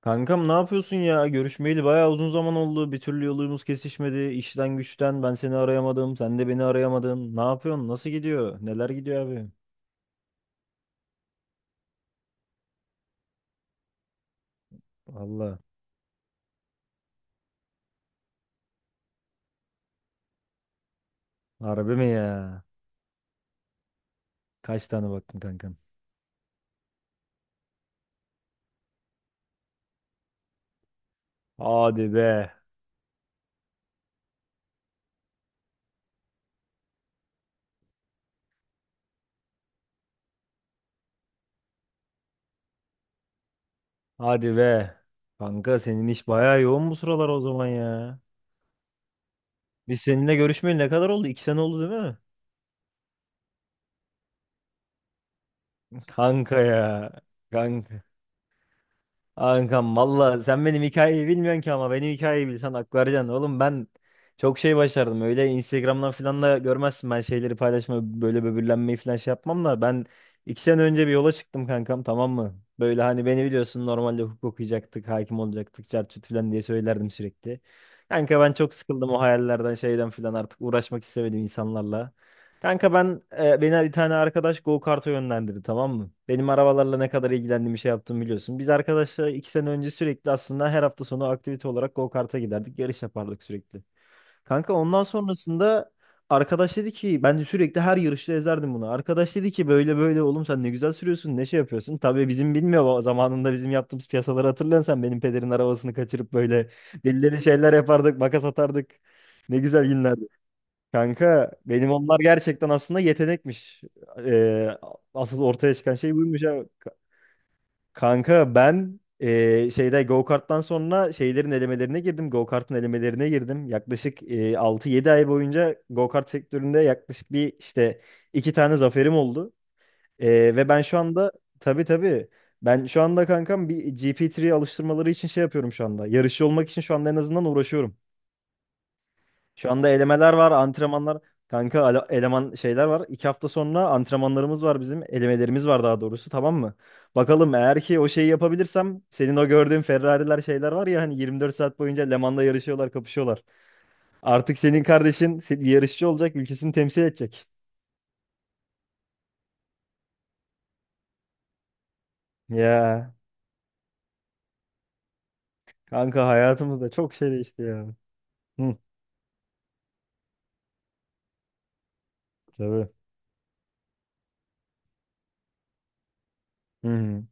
Kankam ne yapıyorsun ya? Görüşmeyeli bayağı uzun zaman oldu. Bir türlü yolumuz kesişmedi. İşten güçten ben seni arayamadım. Sen de beni arayamadın. Ne yapıyorsun? Nasıl gidiyor? Neler gidiyor abi? Valla. Harbi mi ya? Kaç tane baktın kankam? Hadi be. Hadi be. Kanka senin iş bayağı yoğun bu sıralar o zaman ya. Biz seninle görüşmeyeli ne kadar oldu? İki sene oldu değil mi? Kanka ya. Kanka. Kankam valla sen benim hikayeyi bilmiyorsun ki ama benim hikayeyi bilsen hak vereceksin. Oğlum ben çok şey başardım. Öyle Instagram'dan falan da görmezsin, ben şeyleri paylaşma, böyle böbürlenmeyi falan şey yapmam da ben iki sene önce bir yola çıktım kankam, tamam mı? Böyle hani beni biliyorsun, normalde hukuk okuyacaktık, hakim olacaktık, çarçut falan diye söylerdim sürekli. Kanka ben çok sıkıldım o hayallerden şeyden falan, artık uğraşmak istemedim insanlarla. Kanka ben beni bir tane arkadaş go kart'a yönlendirdi, tamam mı? Benim arabalarla ne kadar ilgilendiğimi şey yaptım, biliyorsun. Biz arkadaşlar iki sene önce sürekli aslında her hafta sonu aktivite olarak go kart'a giderdik. Yarış yapardık sürekli. Kanka ondan sonrasında arkadaş dedi ki, ben de sürekli her yarışta ezerdim bunu. Arkadaş dedi ki böyle böyle oğlum sen ne güzel sürüyorsun, ne şey yapıyorsun. Tabii bizim bilmiyor ama zamanında bizim yaptığımız piyasaları hatırlıyorsan, sen benim pederin arabasını kaçırıp böyle delileri şeyler yapardık, makas atardık. Ne güzel günler. Kanka benim onlar gerçekten aslında yetenekmiş. Ee, asıl ortaya çıkan şey buymuş ya. Ka- Kanka ben şeyde go-kart'tan sonra şeylerin elemelerine girdim. Go-kart'ın elemelerine girdim. Yaklaşık 6-7 ay boyunca go-kart sektöründe yaklaşık bir işte iki tane zaferim oldu. Ee, ve ben şu anda tabii tabii ben şu anda kankam bir GP3 alıştırmaları için şey yapıyorum şu anda. Yarışçı olmak için şu anda en azından uğraşıyorum. Şu anda elemeler var, antrenmanlar. Kanka eleman şeyler var. İki hafta sonra antrenmanlarımız var bizim. Elemelerimiz var daha doğrusu, tamam mı? Bakalım, eğer ki o şeyi yapabilirsem, senin o gördüğün Ferrari'ler şeyler var ya, hani 24 saat boyunca Le Mans'la yarışıyorlar, kapışıyorlar. Artık senin kardeşin bir yarışçı olacak, ülkesini temsil edecek. Ya kanka hayatımızda çok şey değişti ya. Hı, tabii. Hı hı.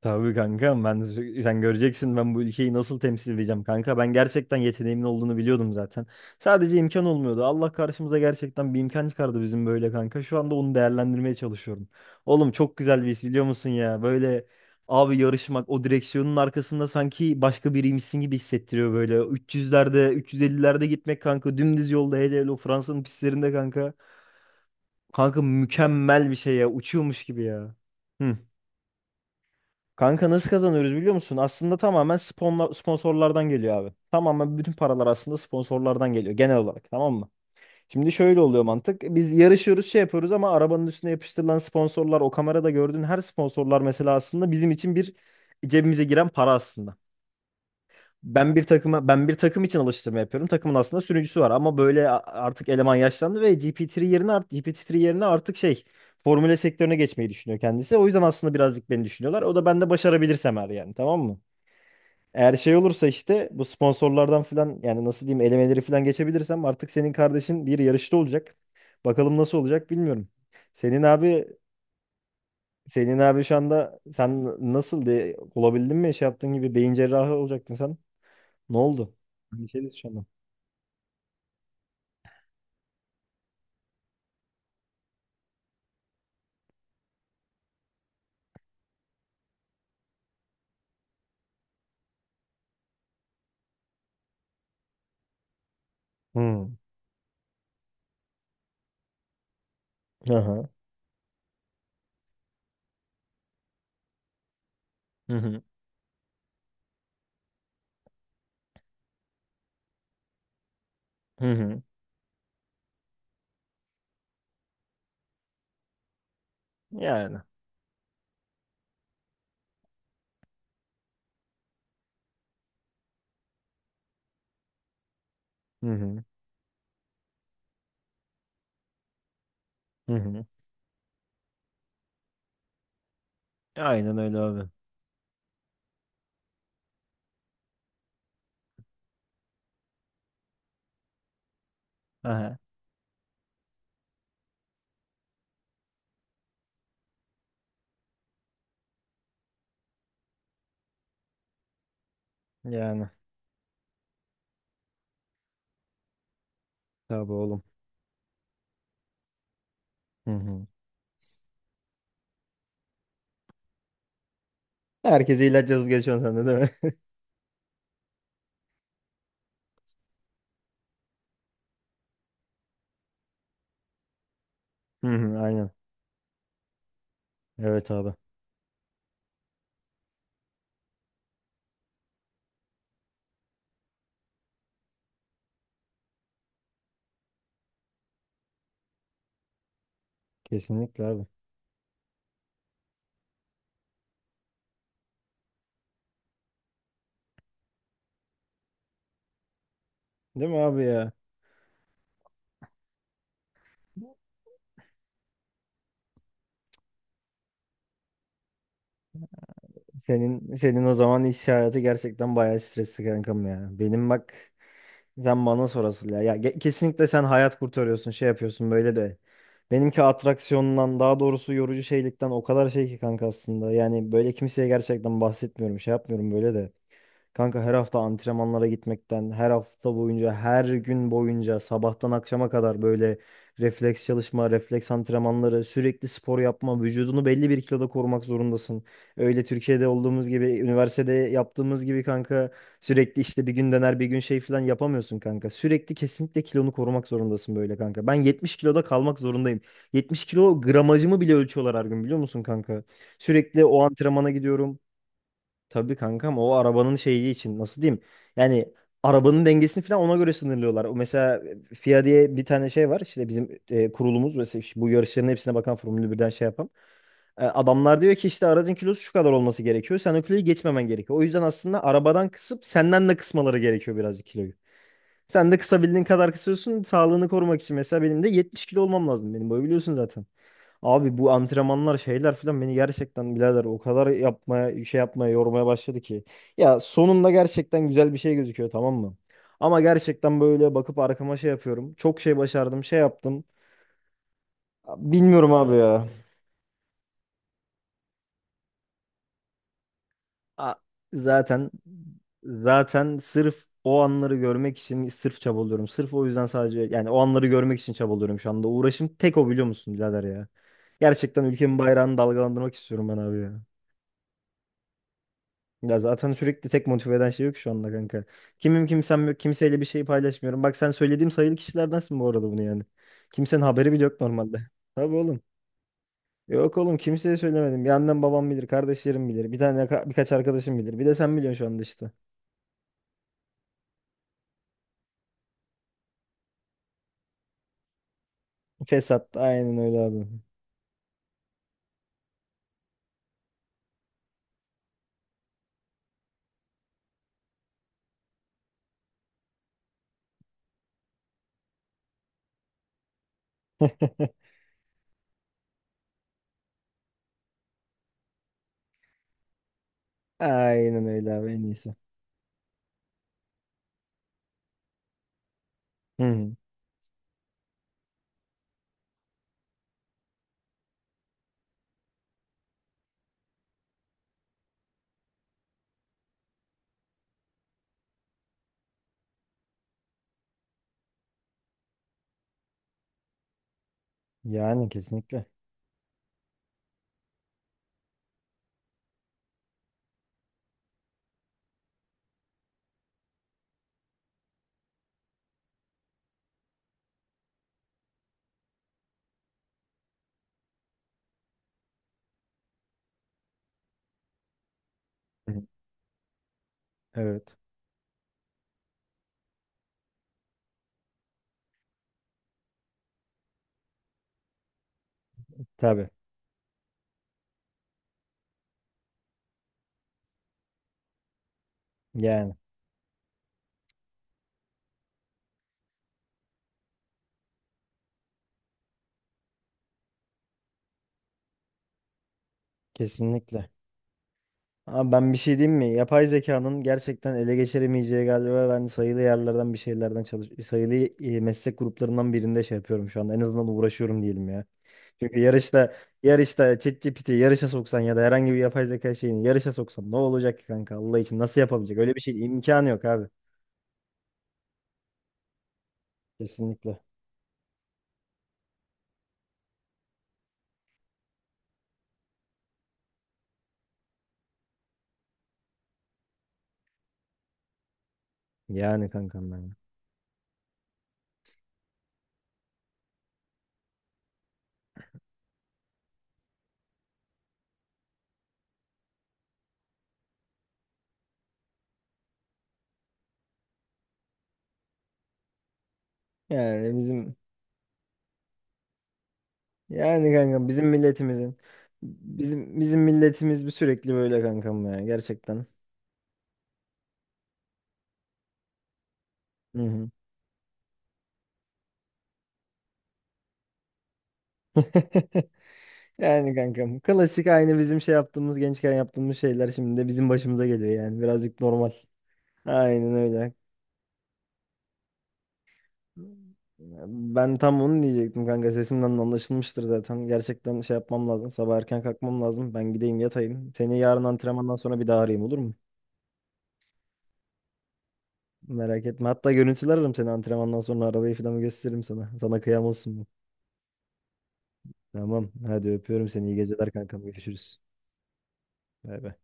Tabii kanka ben sen göreceksin ben bu ülkeyi nasıl temsil edeceğim kanka. Ben gerçekten yeteneğimin olduğunu biliyordum zaten. Sadece imkan olmuyordu. Allah karşımıza gerçekten bir imkan çıkardı bizim böyle kanka. Şu anda onu değerlendirmeye çalışıyorum. Oğlum çok güzel bir his, biliyor musun ya? Böyle, abi, yarışmak, o direksiyonun arkasında sanki başka biriymişsin gibi hissettiriyor böyle. 300'lerde 350'lerde gitmek kanka, dümdüz yolda, hele hele o Fransa'nın pistlerinde kanka. Kanka mükemmel bir şey ya, uçuyormuş gibi ya. Hı. Kanka nasıl kazanıyoruz biliyor musun? Aslında tamamen sponsorlardan geliyor abi. Tamamen bütün paralar aslında sponsorlardan geliyor genel olarak, tamam mı? Şimdi şöyle oluyor mantık. Biz yarışıyoruz şey yapıyoruz ama arabanın üstüne yapıştırılan sponsorlar, o kamerada gördüğün her sponsorlar mesela, aslında bizim için bir cebimize giren para aslında ben bir takım için alıştırma yapıyorum. Takımın aslında sürücüsü var ama böyle artık eleman yaşlandı ve GPT-3 yerine artık şey Formüle sektörüne geçmeyi düşünüyor kendisi. O yüzden aslında birazcık beni düşünüyorlar. O da, ben de başarabilirsem eğer, yani, tamam mı? Eğer şey olursa işte bu sponsorlardan falan, yani nasıl diyeyim, elemeleri falan geçebilirsem, artık senin kardeşin bir yarışta olacak. Bakalım nasıl olacak, bilmiyorum. Senin abi Senin abi şu anda sen nasıl diye olabildin mi? Şey yaptığın gibi beyin cerrahı olacaktın sen. Ne oldu? Bir şey düşün. Hmm. Aha. Hı hı. Hı hı. Yani. Hı hı. Hı hı. Aynen öyle abi. Aha. Yani. Tabii oğlum. Hı hı. Herkese ilaç yazıp geçiyorsun sen de değil mi? Hı hı. Aynen. Evet abi. Kesinlikle abi. Değil mi abi ya? Senin o zaman iş hayatı gerçekten bayağı stresli kankam ya. Benim bak, sen bana sorasın ya. Ya kesinlikle sen hayat kurtarıyorsun, şey yapıyorsun böyle de. Benimki atraksiyondan daha doğrusu yorucu şeylikten o kadar şey ki kanka aslında. Yani böyle kimseye gerçekten bahsetmiyorum, şey yapmıyorum böyle de. Kanka her hafta antrenmanlara gitmekten, her hafta boyunca, her gün boyunca, sabahtan akşama kadar böyle refleks çalışma, refleks antrenmanları, sürekli spor yapma, vücudunu belli bir kiloda korumak zorundasın. Öyle Türkiye'de olduğumuz gibi, üniversitede yaptığımız gibi kanka sürekli, işte bir gün döner bir gün şey falan yapamıyorsun kanka. Sürekli kesinlikle kilonu korumak zorundasın böyle kanka. Ben 70 kiloda kalmak zorundayım. 70 kilo gramajımı bile ölçüyorlar her gün biliyor musun kanka? Sürekli o antrenmana gidiyorum. Tabii kankam, o arabanın şeyi için nasıl diyeyim? Yani arabanın dengesini falan ona göre sınırlıyorlar. O mesela FIA diye bir tane şey var. İşte bizim kurulumuz mesela, işte bu yarışların hepsine bakan Formula 1'den şey yapan. E, adamlar diyor ki işte aracın kilosu şu kadar olması gerekiyor. Sen o kiloyu geçmemen gerekiyor. O yüzden aslında arabadan kısıp senden de kısmaları gerekiyor birazcık kiloyu. Sen de kısabildiğin kadar kısıyorsun. Sağlığını korumak için, mesela benim de 70 kilo olmam lazım. Benim boyu biliyorsun zaten. Abi bu antrenmanlar şeyler filan beni gerçekten birader o kadar yapmaya şey yapmaya yormaya başladı ki. Ya sonunda gerçekten güzel bir şey gözüküyor, tamam mı? Ama gerçekten böyle bakıp arkama şey yapıyorum. Çok şey başardım, şey yaptım. Bilmiyorum abi ya. A- Zaten zaten sırf o anları görmek için sırf çabalıyorum. Sırf o yüzden, sadece yani o anları görmek için çabalıyorum şu anda. Uğraşım tek o, biliyor musun birader ya. Gerçekten ülkemin bayrağını dalgalandırmak istiyorum ben abi ya. Ya zaten sürekli tek motive eden şey yok şu anda kanka. Kimim kimsem yok. Kimseyle bir şey paylaşmıyorum. Bak sen söylediğim sayılı kişilerdensin bu arada bunu, yani. Kimsenin haberi bile yok normalde. Tabii oğlum. Yok oğlum, kimseye söylemedim. Bir annem babam bilir. Kardeşlerim bilir. Bir tane birkaç arkadaşım bilir. Bir de sen biliyorsun şu anda işte. Fesat. Aynen öyle abi. Aynen öyle abi, en iyisi. Hı hı. Yani kesinlikle. Hı hı. Evet. Tabii. Yani kesinlikle. Abi ben bir şey diyeyim mi? Yapay zekanın gerçekten ele geçiremeyeceği galiba ben sayılı yerlerden bir şeylerden çalış sayılı meslek gruplarından birinde şey yapıyorum şu anda. En azından uğraşıyorum diyelim ya. Çünkü yarışta ChatGPT'yi yarışa soksan ya da herhangi bir yapay zeka şeyini yarışa soksan ne olacak ki kanka, Allah için nasıl yapabilecek? Öyle bir şey imkanı yok abi. Kesinlikle. Yani kankam ben. Yani bizim yani kankam bizim milletimizin bizim milletimiz bir, sürekli böyle kankam ya gerçekten. Hı hı. Yani kankam klasik, aynı bizim şey yaptığımız, gençken yaptığımız şeyler şimdi de bizim başımıza geliyor yani, birazcık normal. Aynen öyle. Ben tam onu diyecektim kanka, sesimden de anlaşılmıştır zaten. Gerçekten şey yapmam lazım, sabah erken kalkmam lazım. Ben gideyim yatayım. Seni yarın antrenmandan sonra bir daha arayayım, olur mu? Merak etme. Hatta görüntüler, ararım seni antrenmandan sonra, arabayı falan gösteririm sana. Sana kıyamazsın bu. Tamam hadi, öpüyorum seni, iyi geceler kankam, görüşürüz. Bay bay.